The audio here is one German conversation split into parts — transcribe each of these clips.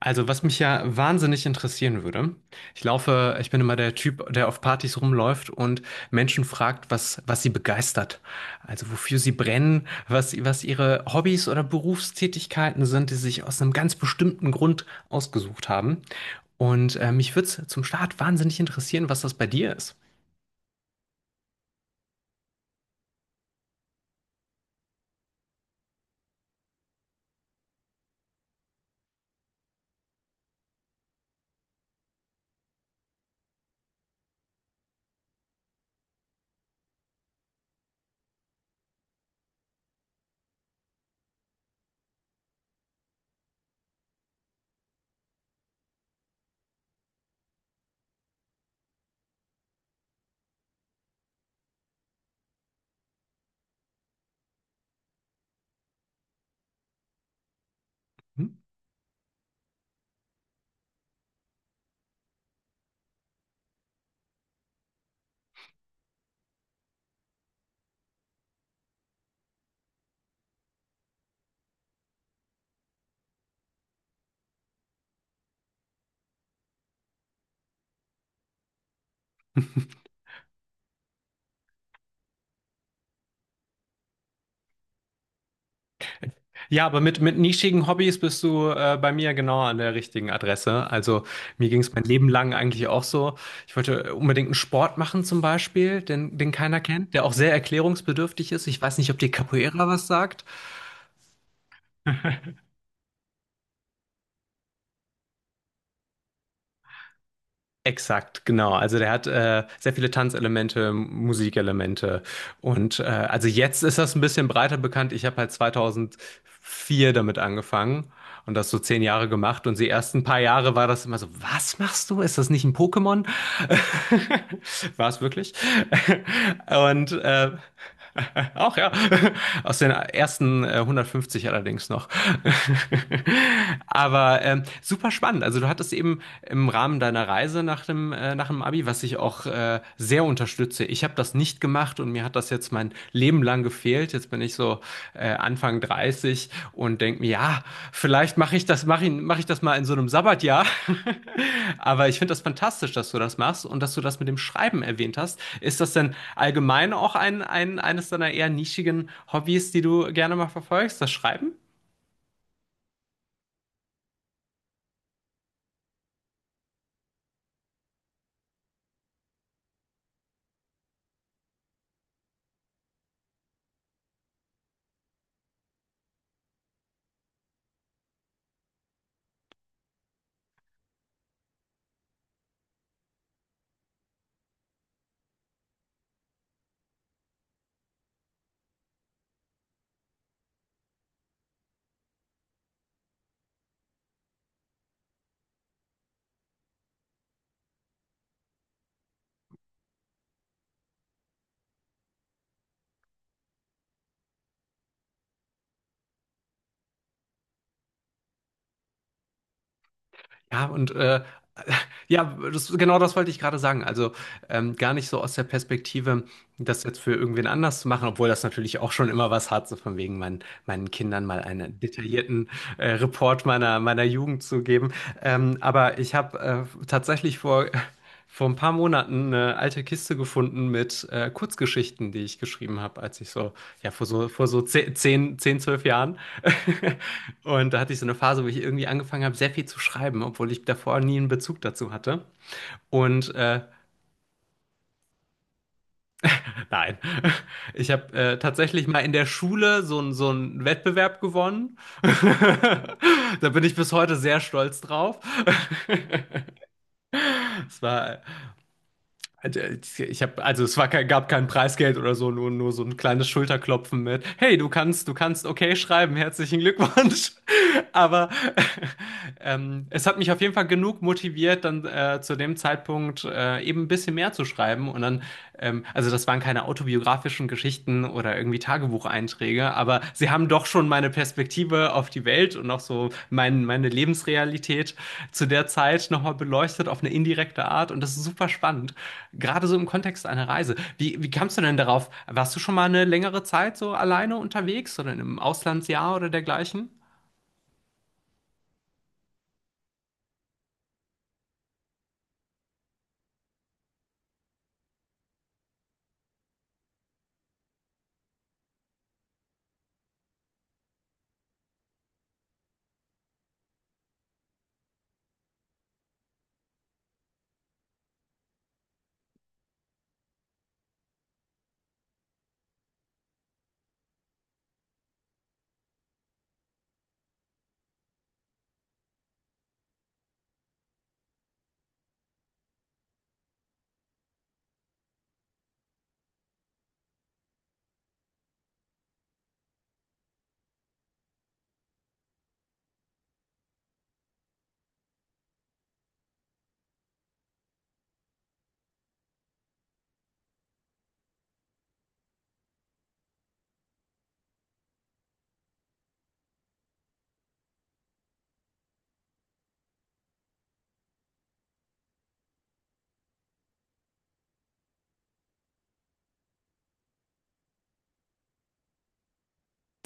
Also, was mich ja wahnsinnig interessieren würde, ich laufe, ich bin immer der Typ, der auf Partys rumläuft und Menschen fragt, was sie begeistert. Also, wofür sie brennen, was ihre Hobbys oder Berufstätigkeiten sind, die sie sich aus einem ganz bestimmten Grund ausgesucht haben. Und mich würde es zum Start wahnsinnig interessieren, was das bei dir ist. Hm? Ja, aber mit nischigen Hobbys bist du bei mir genau an der richtigen Adresse. Also mir ging es mein Leben lang eigentlich auch so. Ich wollte unbedingt einen Sport machen zum Beispiel, den, den keiner kennt, der auch sehr erklärungsbedürftig ist. Ich weiß nicht, ob dir Capoeira was sagt. Exakt, genau. Also der hat sehr viele Tanzelemente, Musikelemente. Und also jetzt ist das ein bisschen breiter bekannt. Ich habe halt 2004 damit angefangen und das so 10 Jahre gemacht. Und die ersten paar Jahre war das immer so, was machst du? Ist das nicht ein Pokémon? War es wirklich? Und äh, Auch ja. Aus den ersten 150 allerdings noch. Aber super spannend. Also du hattest eben im Rahmen deiner Reise nach dem Abi, was ich auch sehr unterstütze. Ich habe das nicht gemacht und mir hat das jetzt mein Leben lang gefehlt. Jetzt bin ich so Anfang 30 und denke mir, ja, vielleicht mach ich das mal in so einem Sabbatjahr. Aber ich finde das fantastisch, dass du das machst und dass du das mit dem Schreiben erwähnt hast. Ist das denn allgemein auch eines deiner eher nischigen Hobbys, die du gerne mal verfolgst, das Schreiben? Ja, und ja, das, genau das wollte ich gerade sagen. Also gar nicht so aus der Perspektive, das jetzt für irgendwen anders zu machen, obwohl das natürlich auch schon immer was hat, so von wegen meinen Kindern mal einen detaillierten Report meiner Jugend zu geben. Aber ich habe tatsächlich vor ein paar Monaten eine alte Kiste gefunden mit Kurzgeschichten, die ich geschrieben habe, als ich so, ja, vor so 10 10 10, 12 Jahren. Und da hatte ich so eine Phase, wo ich irgendwie angefangen habe, sehr viel zu schreiben, obwohl ich davor nie einen Bezug dazu hatte. Und nein, ich habe tatsächlich mal in der Schule so, so einen Wettbewerb gewonnen. Da bin ich bis heute sehr stolz drauf. Es war halt, ich habe, also es war kein, gab kein Preisgeld oder so, nur so ein kleines Schulterklopfen mit. Hey, du kannst okay schreiben, herzlichen Glückwunsch. Aber es hat mich auf jeden Fall genug motiviert, dann zu dem Zeitpunkt eben ein bisschen mehr zu schreiben. Und dann, also das waren keine autobiografischen Geschichten oder irgendwie Tagebucheinträge, aber sie haben doch schon meine Perspektive auf die Welt und auch so meine Lebensrealität zu der Zeit nochmal beleuchtet auf eine indirekte Art. Und das ist super spannend. Gerade so im Kontext einer Reise. Wie kamst du denn darauf? Warst du schon mal eine längere Zeit so alleine unterwegs oder in einem Auslandsjahr oder dergleichen?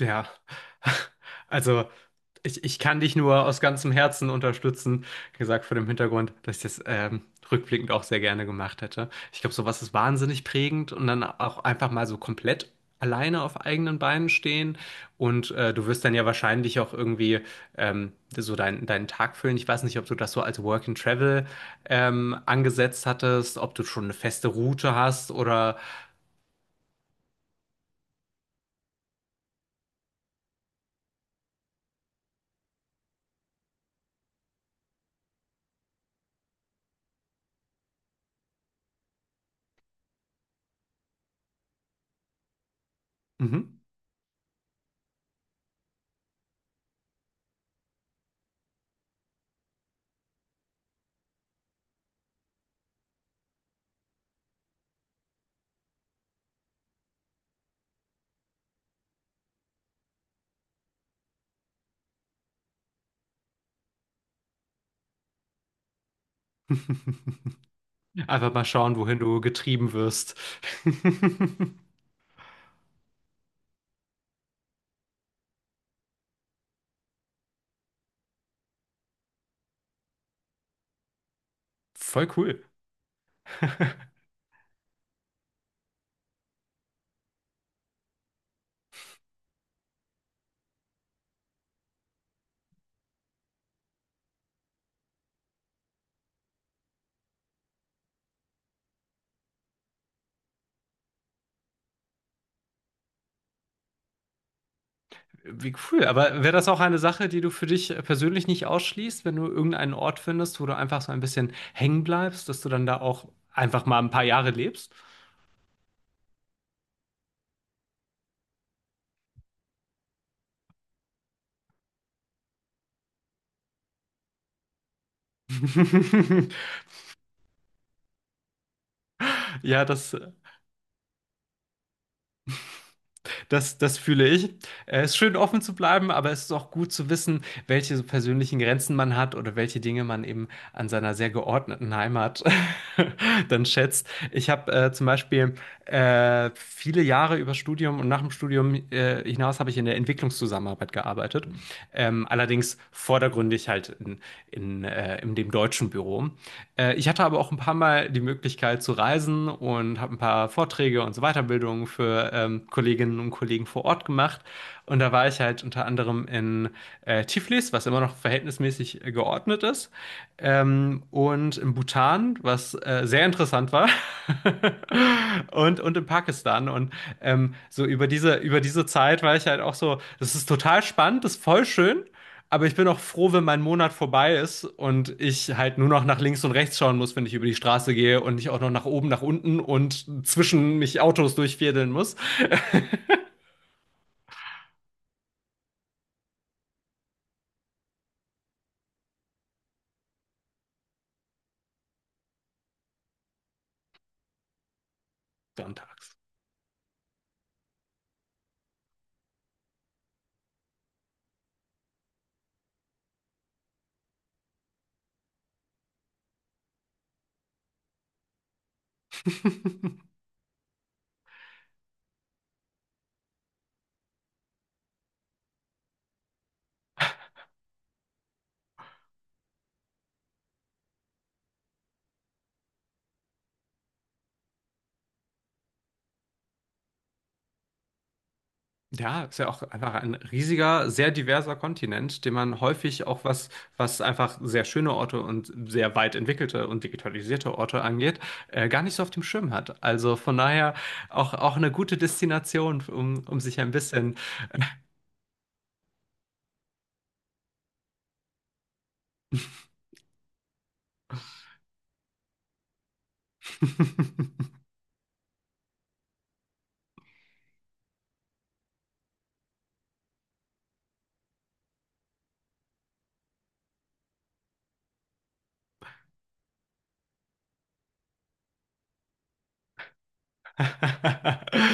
Ja, also ich kann dich nur aus ganzem Herzen unterstützen, gesagt vor dem Hintergrund, dass ich das rückblickend auch sehr gerne gemacht hätte. Ich glaube, sowas ist wahnsinnig prägend und dann auch einfach mal so komplett alleine auf eigenen Beinen stehen und du wirst dann ja wahrscheinlich auch irgendwie so deinen Tag füllen. Ich weiß nicht, ob du das so als Work and Travel angesetzt hattest, ob du schon eine feste Route hast oder... Mhm. Einfach mal schauen, wohin du getrieben wirst. Voll cool. Wie cool. Aber wäre das auch eine Sache, die du für dich persönlich nicht ausschließt, wenn du irgendeinen Ort findest, wo du einfach so ein bisschen hängen bleibst, dass du dann da auch einfach mal ein paar Jahre lebst? Ja, das fühle ich. Es ist schön, offen zu bleiben, aber es ist auch gut zu wissen, welche persönlichen Grenzen man hat oder welche Dinge man eben an seiner sehr geordneten Heimat dann schätzt. Ich habe zum Beispiel viele Jahre über Studium und nach dem Studium hinaus habe ich in der Entwicklungszusammenarbeit gearbeitet. Allerdings vordergründig halt in, in dem deutschen Büro. Ich hatte aber auch ein paar Mal die Möglichkeit zu reisen und habe ein paar Vorträge und so Weiterbildungen für Kolleginnen und Kollegen vor Ort gemacht. Und da war ich halt unter anderem in Tiflis, was immer noch verhältnismäßig geordnet ist. Und in Bhutan, was sehr interessant war, und in Pakistan. Und so über diese Zeit war ich halt auch so, das ist total spannend, das ist voll schön, aber ich bin auch froh, wenn mein Monat vorbei ist und ich halt nur noch nach links und rechts schauen muss, wenn ich über die Straße gehe und nicht auch noch nach oben, nach unten und zwischen mich Autos durchfädeln muss. Sonntags. Ja, ist ja auch einfach ein riesiger, sehr diverser Kontinent, den man häufig auch was einfach sehr schöne Orte und sehr weit entwickelte und digitalisierte Orte angeht, gar nicht so auf dem Schirm hat. Also von daher auch eine gute Destination, um sich ein bisschen.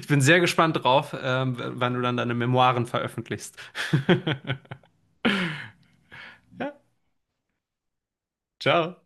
Ich bin sehr gespannt drauf, wann du dann deine Memoiren veröffentlichst. Ja, ciao.